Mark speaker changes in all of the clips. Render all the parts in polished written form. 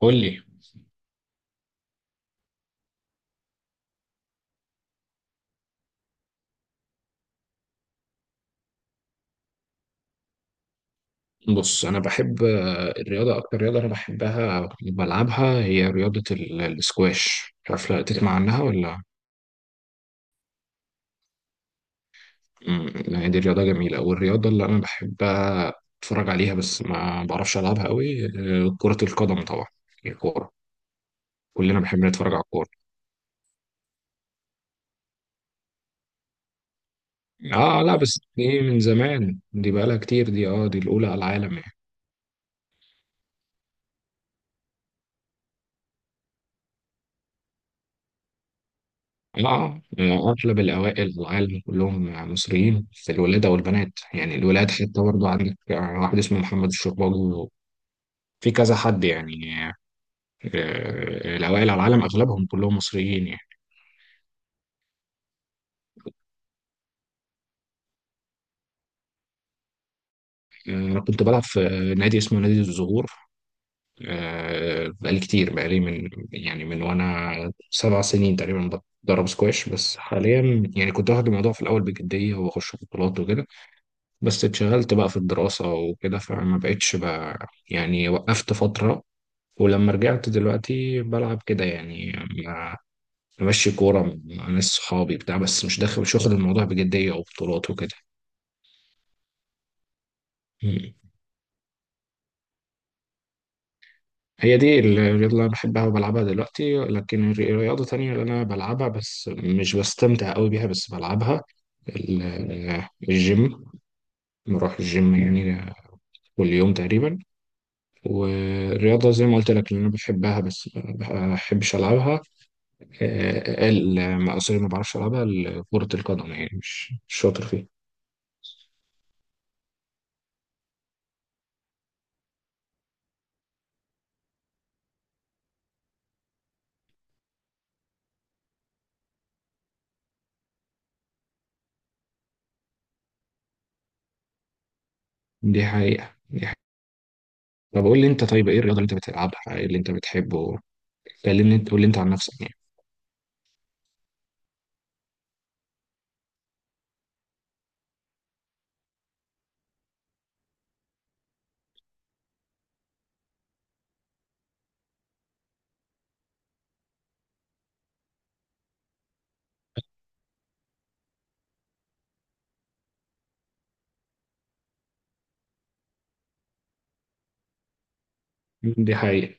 Speaker 1: قول لي. بص، انا بحب الرياضه. اكتر رياضه انا بحبها أو بلعبها هي رياضه الاسكواش، مش عارف لا تسمع عنها ولا. يعني دي رياضه جميله، والرياضه اللي انا بحبها اتفرج عليها بس ما بعرفش العبها قوي. كره القدم طبعا، الكوره. كلنا بنحب نتفرج على الكوره. اه لا، بس دي من زمان، دي بقالها كتير، دي الاولى على العالم يعني. اه. اغلب الاوائل في العالم كلهم مصريين، في الولادة والبنات يعني الولاد، حتى برضه عندك واحد اسمه محمد الشرباجي، في كذا حد يعني. الاوائل على العالم اغلبهم كلهم مصريين يعني. انا كنت بلعب في نادي اسمه نادي الزهور. بقالي كتير، بقالي من وانا 7 سنين تقريبا بتدرب سكواش. بس حاليا يعني كنت واخد الموضوع في الاول بجدية واخش بطولات وكده، بس اتشغلت بقى في الدراسة وكده فما بقتش بقى يعني، وقفت فترة. ولما رجعت دلوقتي بلعب كده يعني، مع- بمشي كورة مع ناس صحابي بتاع، بس مش واخد الموضوع بجدية أو بطولات وكده. مم. هي دي الرياضة اللي أنا بحبها وبلعبها دلوقتي، لكن الرياضة تانية اللي أنا بلعبها بس مش بستمتع أوي بيها، بس بلعبها، الجيم. بروح الجيم يعني كل يوم تقريبا. والرياضة زي ما قلت لك اللي أنا بحبها بس ما بحبش ألعبها سوري، ما بعرفش العبها، كرة القدم يعني، مش شاطر فيها. دي حقيقة دي حقيقة. طب قول لي انت، طيب ايه الرياضة اللي انت بتلعبها، ايه اللي انت بتحبه؟ كلمني انت، قول لي انت عن نفسك يعني. دي حقيقة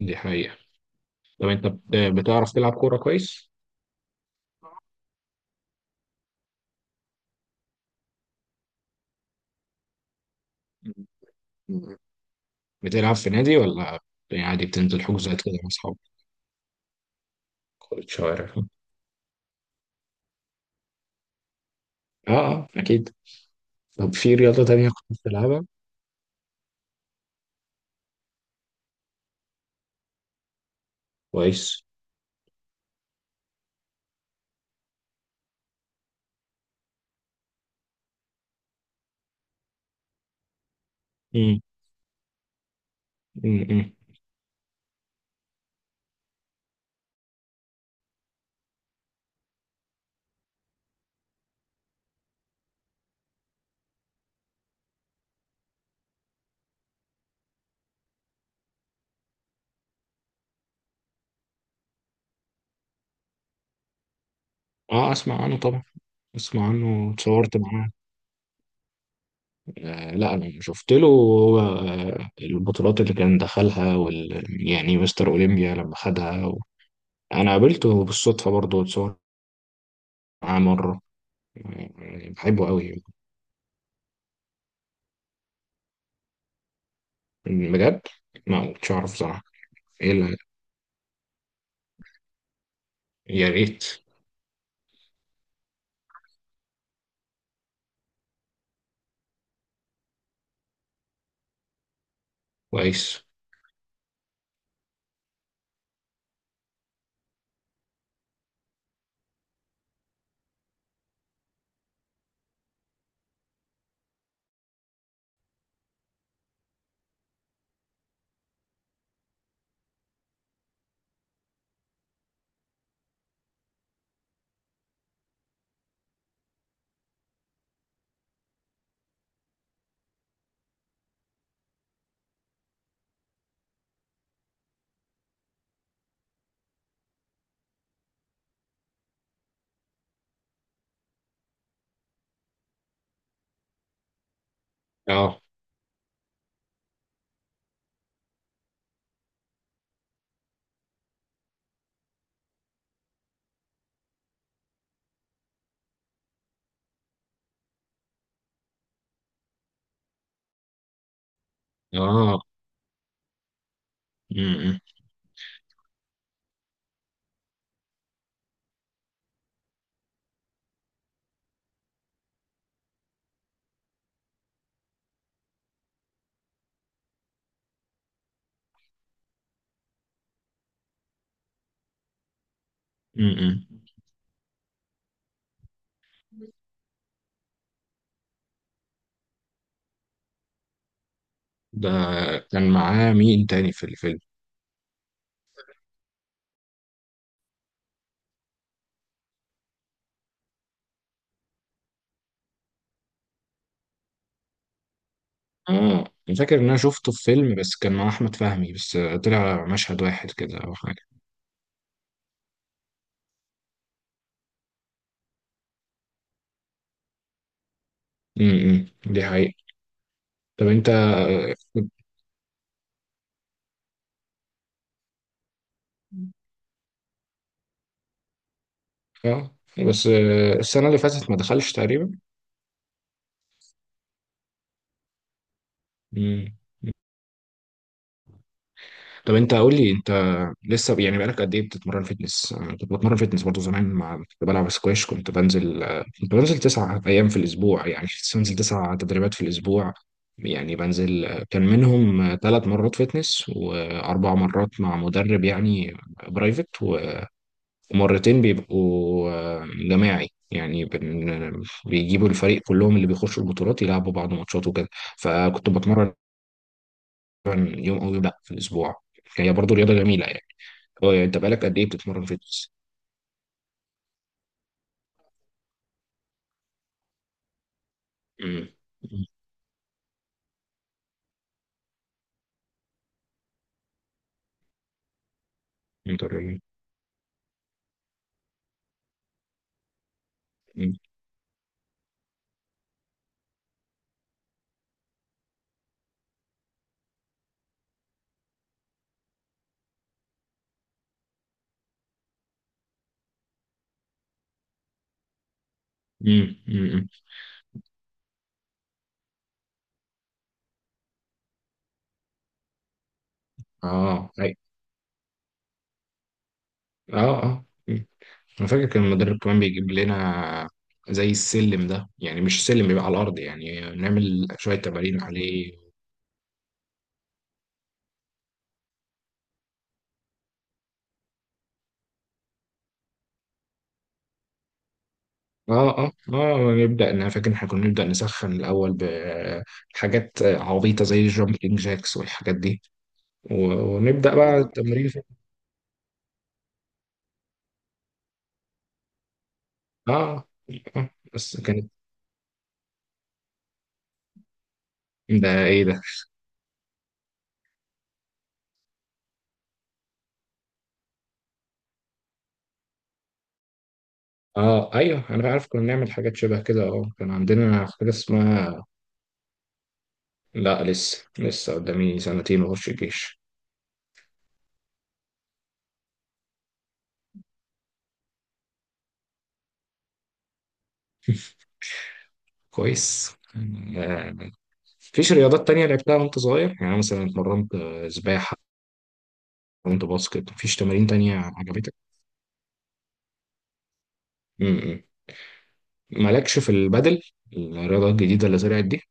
Speaker 1: دي حقيقة. طب انت بتعرف تلعب كورة كويس؟ بتلعب في نادي، ولا يعني عادي بتنزل حجوزات كده مع اصحابك؟ كرة شوارع، اه. اه اكيد. طب في رياضة تانية كنت بتلعبها كويس؟ امم. امم. اه اسمع عنه طبعا. اسمع عنه، اتصورت معاه. لا انا شفت له هو البطولات اللي كان دخلها، وال يعني مستر اولمبيا لما خدها و... انا قابلته بالصدفه برضه، اتصور معاه مره. يعني بحبه قوي بجد، ما كنتش اعرف صراحه. ايه اللي... يا ريت. كويس. اه. اه. م- م- م- ده كان معاه مين تاني في الفيلم؟ اه انا فاكر ان انا شفته في فيلم، بس كان مع احمد فهمي بس، طلع مشهد واحد كده او حاجه. م- م. دي حقيقة. طب انت. اه بس السنة اللي فاتت ما دخلش تقريبا. مم. طب انت قول لي انت، لسه يعني بقالك قد ايه بتتمرن فيتنس؟ انا كنت بتمرن فيتنس برضه زمان مع كنت بلعب سكواش، كنت بنزل كنت بنزل 9 ايام في الاسبوع، يعني كنت بنزل 9 تدريبات في الاسبوع. يعني بنزل، كان منهم 3 مرات فيتنس واربع مرات مع مدرب يعني، برايفت. ومرتين بيبقوا جماعي يعني، بيجيبوا الفريق كلهم اللي بيخشوا البطولات، يلعبوا بعض ماتشات وكده. فكنت بتمرن يوم او يوم لا في الاسبوع. هي برضو رياضه جميله يعني. هو يعني انت بقالك قد ايه بتتمرن فيتنس؟ امم. انت رياضي. مم. مم. مم. اه أي. اه اه مم. انا فاكر كان المدرب كمان بيجيب لنا زي السلم ده، يعني مش سلم، بيبقى على الارض يعني، نعمل شويه تمارين عليه. اه اه اه. نبدا، انا فاكر إن احنا كنا نبدا نسخن الاول بحاجات عبيطه زي الجامبلينج جاكس والحاجات دي. ونبدا بقى يا اه. بس كانت ده ايه ده؟ اه ايوه انا عارف، كنا نعمل حاجات شبه كده. اه كان عندنا حاجه اسمها. لا لسه، لسه قدامي سنتين واخش الجيش. كويس. آه، مفيش رياضات تانية لعبتها وانت صغير، يعني مثلا اتمرنت سباحة، اتمرنت باسكت، مفيش تمارين تانية عجبتك؟ م. مالكش في البدل، الرياضة الجديدة اللي طلعت دي؟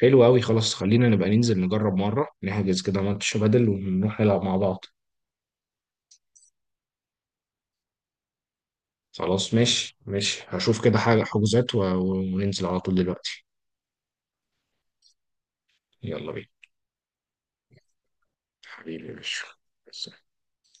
Speaker 1: حلو أوي، خلاص خلينا نبقى ننزل نجرب مرة، نحجز كده ماتش بدل ونروح نلعب مع بعض. خلاص ماشي ماشي، هشوف كده حاجة حجوزات وننزل على طول دلوقتي. يلا بينا. حبيبي يا باشا.